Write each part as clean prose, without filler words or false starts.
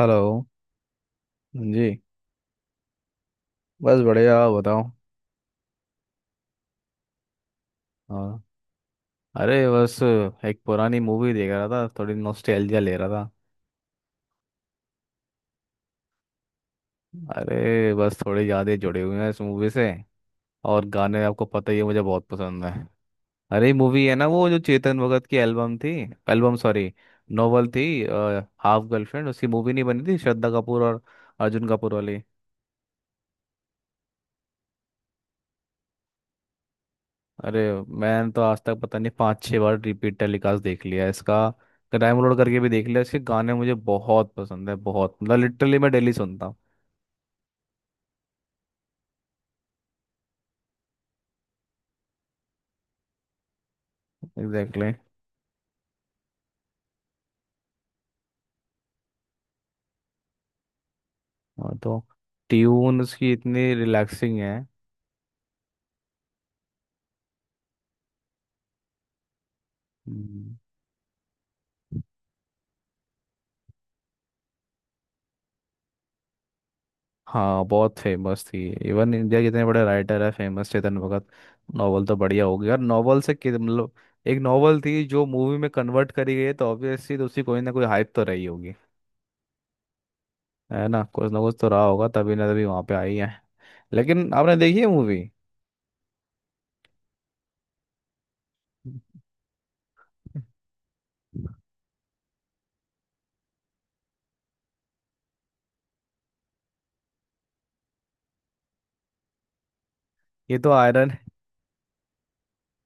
Hello जी। बस बढ़िया, आप बताओ। हाँ। अरे बस, एक पुरानी मूवी देख रहा था, थोड़ी नॉस्टैल्जिया ले रहा था। अरे बस थोड़ी यादें जुड़ी हुई हैं इस मूवी से। और गाने आपको पता ही है, मुझे बहुत पसंद है। अरे मूवी है ना वो जो चेतन भगत की एल्बम थी। एल्बम सॉरी, नोवेल थी। हाफ गर्लफ्रेंड, उसकी मूवी नहीं बनी थी श्रद्धा कपूर और अर्जुन कपूर वाली। अरे मैंने तो आज तक पता नहीं 5-6 बार रिपीट टेलीकास्ट देख लिया है इसका। डाउनलोड करके भी देख लिया, इसके गाने मुझे बहुत पसंद है, बहुत, मतलब लिटरली मैं डेली सुनता हूँ। एग्जैक्टली। और तो ट्यून उसकी इतनी रिलैक्सिंग है। हम्म। हाँ, बहुत फेमस थी। इवन इंडिया के इतने बड़े राइटर है फेमस, चेतन भगत। नॉवल तो बढ़िया हो गया, और नॉवल से मतलब एक नॉवल थी जो मूवी में कन्वर्ट करी गई है, तो ऑब्वियसली तो उसकी कोई ना कोई हाइप तो रही होगी। है ना, कुछ ना कुछ तो रहा होगा तभी ना, तभी वहाँ पे आई है। लेकिन आपने देखी है मूवी? ये तो आयरन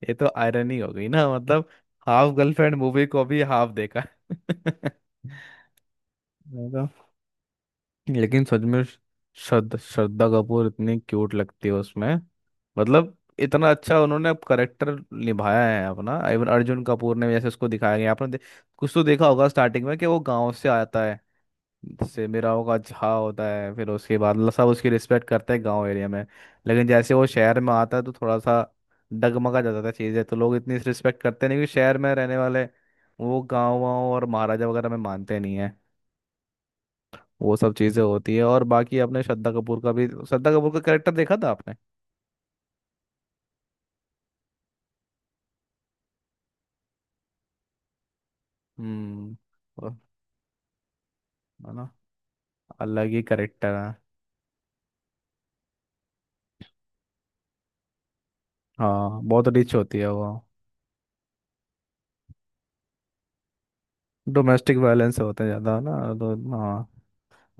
ये तो आयरन ही हो गई ना मतलब, हाफ गर्लफ्रेंड मूवी को भी हाफ देखा मैं तो, लेकिन सच में श्रद्धा श्रद्धा कपूर इतनी क्यूट लगती है उसमें, मतलब। इतना अच्छा उन्होंने करेक्टर निभाया है अपना, इवन अर्जुन कपूर ने भी, जैसे उसको दिखाया गया, आपने कुछ तो देखा होगा स्टार्टिंग में कि वो गांव से आता, जैसे मेरा होगा झा होता है, फिर उसके बाद सब उसकी रिस्पेक्ट करते हैं गांव एरिया में। लेकिन जैसे वो शहर में आता है तो थोड़ा सा डगमगा जाता है चीज़ें, तो लोग इतनी रिस्पेक्ट करते नहीं क्योंकि शहर में रहने वाले वो गाँव वाँव और महाराजा वगैरह में मानते नहीं है। वो सब चीज़ें होती है, और बाकी आपने श्रद्धा कपूर का भी श्रद्धा कपूर का कैरेक्टर देखा था आपने? हम्म। वो- है ना, अलग ही करेक्टर है। हाँ, बहुत रिच होती है वो। डोमेस्टिक वायलेंस होते हैं ज़्यादा ना। तो हाँ,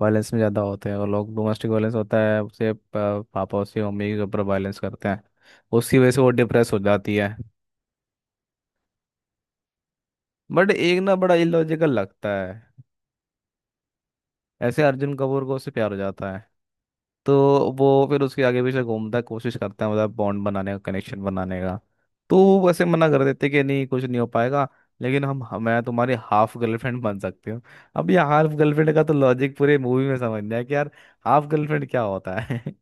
वायलेंस में ज़्यादा होते हैं, और लोग डोमेस्टिक वायलेंस होता है उसे पापा उसके मम्मी के ऊपर वायलेंस करते हैं। उसकी वजह से वो डिप्रेस हो जाती है। बट एक ना बड़ा इलॉजिकल लगता है, ऐसे अर्जुन कपूर को उससे प्यार हो जाता है। तो वो फिर उसके आगे पीछे घूमता है, कोशिश करता है, मतलब बॉन्ड बनाने का, कनेक्शन बनाने का। तो वो वैसे मना कर देते कि नहीं, कुछ नहीं हो पाएगा। लेकिन मैं तुम्हारी हाफ गर्लफ्रेंड बन सकती हूँ। अब ये हाफ गर्लफ्रेंड का तो लॉजिक पूरे मूवी में समझना है कि यार हाफ गर्लफ्रेंड क्या होता है।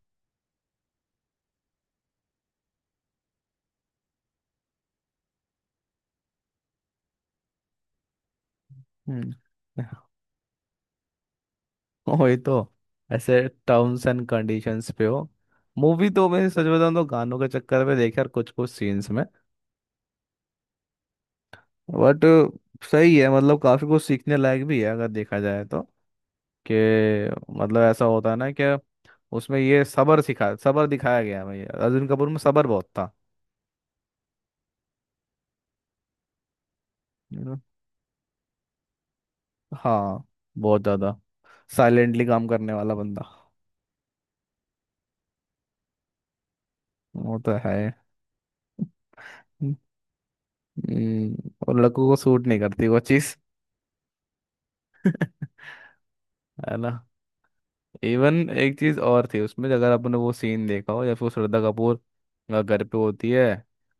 हम्म। वही तो, ऐसे टर्म्स एंड कंडीशंस पे हो। मूवी तो मैं सच बताऊं तो गानों के चक्कर में देखा यार, कुछ कुछ सीन्स में, बट सही है, मतलब काफी कुछ सीखने लायक भी है अगर देखा जाए तो, कि मतलब ऐसा होता है ना कि उसमें ये सबर सिखा, सबर दिखाया गया है भाई, अर्जुन कपूर में सबर बहुत था। You know? हाँ, बहुत ज्यादा, साइलेंटली काम करने वाला बंदा। वो तो है। और लड़कों को सूट नहीं करती वो चीज। है ना। इवन एक चीज और थी उसमें, अगर आपने वो सीन देखा हो, या फिर वो श्रद्धा कपूर घर पे होती है,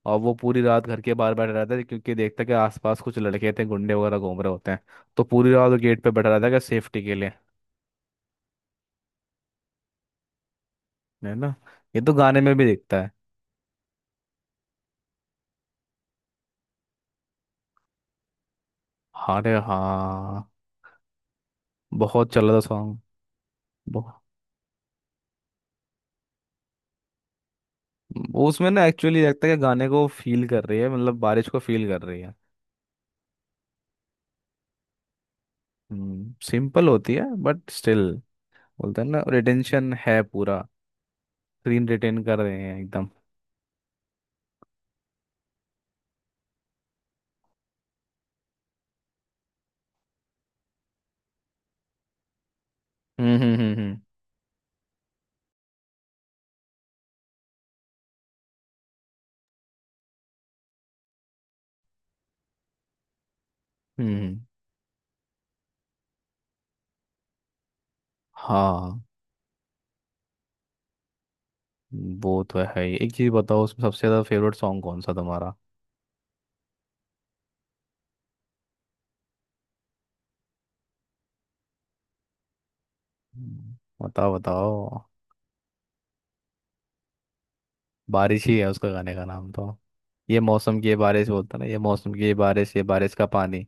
और वो पूरी रात घर के बाहर बैठा रहता है, क्योंकि देखता है कि आसपास कुछ लड़के थे, गुंडे वगैरह घूम रहे होते हैं। तो पूरी रात वो गेट पे बैठा रहता है, क्या सेफ्टी के लिए। है ना। ये तो गाने में भी दिखता है। अरे हाँ, बहुत चल रहा था सॉन्ग। वो उसमें ना एक्चुअली लगता है कि गाने को फील कर रही है, मतलब बारिश को फील कर रही है। सिंपल होती है बट स्टिल, बोलते हैं ना रिटेंशन है पूरा, स्क्रीन रिटेन कर रहे हैं एकदम। हम्म। हम्म। हम्म। हम्म। हाँ वो तो है ही, एक चीज बताओ उसमें सबसे ज्यादा फेवरेट सॉन्ग कौन सा तुम्हारा? हम्म, बताओ बताओ। बारिश ही है उसका गाने का नाम तो। ये मौसम की ये बारिश बोलता ना, ये मौसम की ये बारिश, ये बारिश का पानी।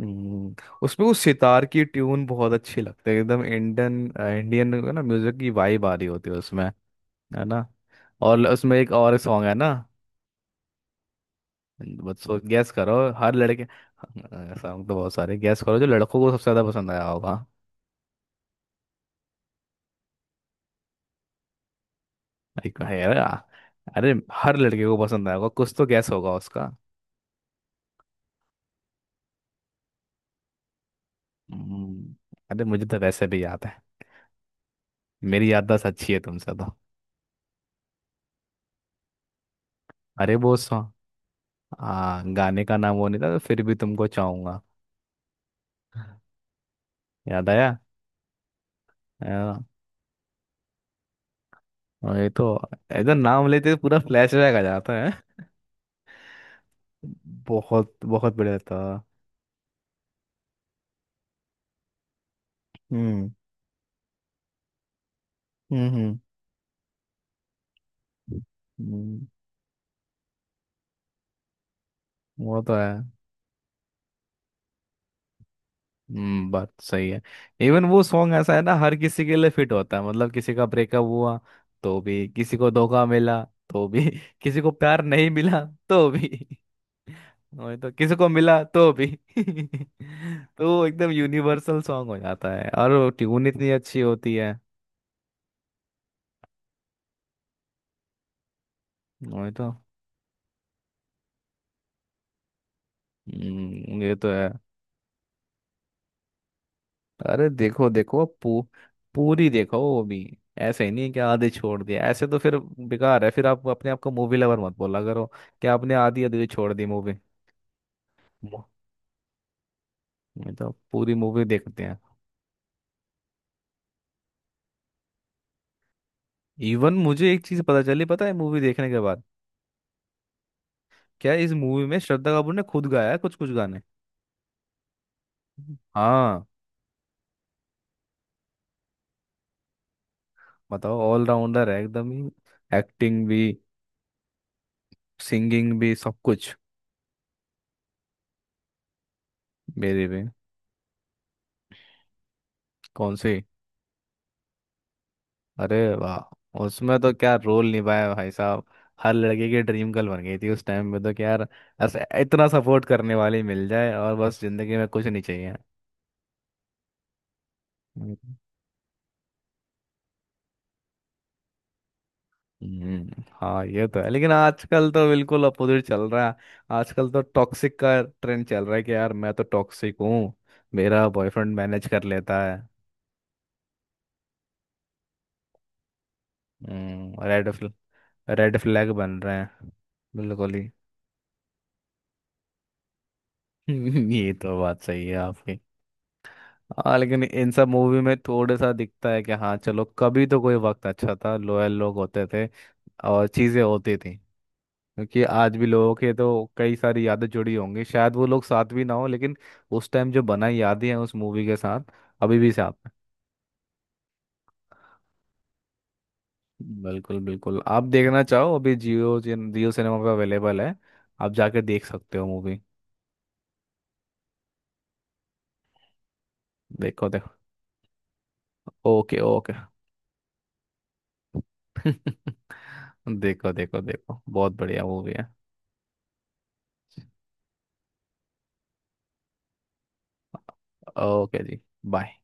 हम्म, उसमें उस सितार की ट्यून बहुत अच्छी लगती है एकदम इंडियन, इंडियन ना म्यूजिक की वाइब आ रही होती है उसमें। है ना। और उसमें एक और सॉन्ग है ना। बच्चों गैस करो हर लड़के, हाँ, सॉन्ग तो बहुत सारे, गैस करो जो लड़कों को सबसे ज्यादा पसंद आया होगा। एक है यार, अरे हर लड़के को पसंद आएगा, कुछ तो गैस होगा उसका। हम्म, अरे मुझे तो वैसे भी याद है, मेरी याददाश्त अच्छी है तुमसे तो। अरे वो सॉन्ग, गाने का नाम वो नहीं था, तो फिर भी तुमको चाहूंगा। याद आया। आ, ये तो ऐसा नाम लेते ही पूरा फ्लैशबैक आ जाता है। बहुत बहुत बढ़िया था। हम्म। हम्म। हम्म। हम्म, वो तो है। बात सही है। इवन वो सॉन्ग ऐसा है ना, हर किसी के लिए फिट होता है, मतलब किसी का ब्रेकअप हुआ तो भी, किसी को धोखा मिला तो भी किसी को प्यार नहीं मिला तो भी वही तो, किसी को मिला तो भी तो वो एकदम यूनिवर्सल सॉन्ग हो जाता है, और ट्यून इतनी अच्छी होती है। वही तो। ये तो है। अरे देखो देखो पूरी देखो वो भी। ऐसे ही नहीं कि आधी छोड़ दिया, ऐसे तो फिर बेकार है, फिर आप अपने आप को मूवी लवर मत बोला करो कि आपने आधी आधी तो छोड़ दी मूवी। मैं तो, पूरी मूवी देखते हैं। इवन मुझे एक चीज पता चली, पता है मूवी देखने के बाद, क्या इस मूवी में श्रद्धा कपूर ने खुद गाया है कुछ कुछ गाने। हाँ। बताओ, ऑलराउंडर है एकदम ही, एक्टिंग भी, सिंगिंग भी, सब कुछ। मेरे भी। कौन से? अरे वाह उसमें तो क्या रोल निभाया भाई साहब, हर लड़के की ड्रीम गर्ल बन गई थी उस टाइम में तो, क्या यार। ऐसे इतना सपोर्ट करने वाली मिल जाए और बस जिंदगी में कुछ नहीं चाहिए। हम्म। हाँ ये तो है, लेकिन आजकल तो बिल्कुल अपोजिट चल रहा है। आजकल तो टॉक्सिक का ट्रेंड चल रहा है कि यार मैं तो टॉक्सिक हूँ, मेरा बॉयफ्रेंड मैनेज कर लेता है। Red flag. रेड फ्लैग बन रहे हैं बिल्कुल ही। ये तो बात सही है आपकी। हाँ, लेकिन इन सब मूवी में थोड़ा सा दिखता है कि हाँ चलो, कभी तो कोई वक्त अच्छा था, लोयल लोग होते थे और चीज़ें होती थी, क्योंकि आज भी लोगों के तो कई सारी यादें जुड़ी होंगी, शायद वो लोग साथ भी ना हो, लेकिन उस टाइम जो बनाई यादें हैं उस मूवी के साथ अभी भी साथ हैं। बिल्कुल बिल्कुल, आप देखना चाहो अभी जियो जियो सिनेमा पे अवेलेबल है, आप जाके देख सकते हो मूवी। देखो देखो। Okay okay. देखो देखो देखो, बहुत बढ़िया मूवी है। ओके जी। बाय।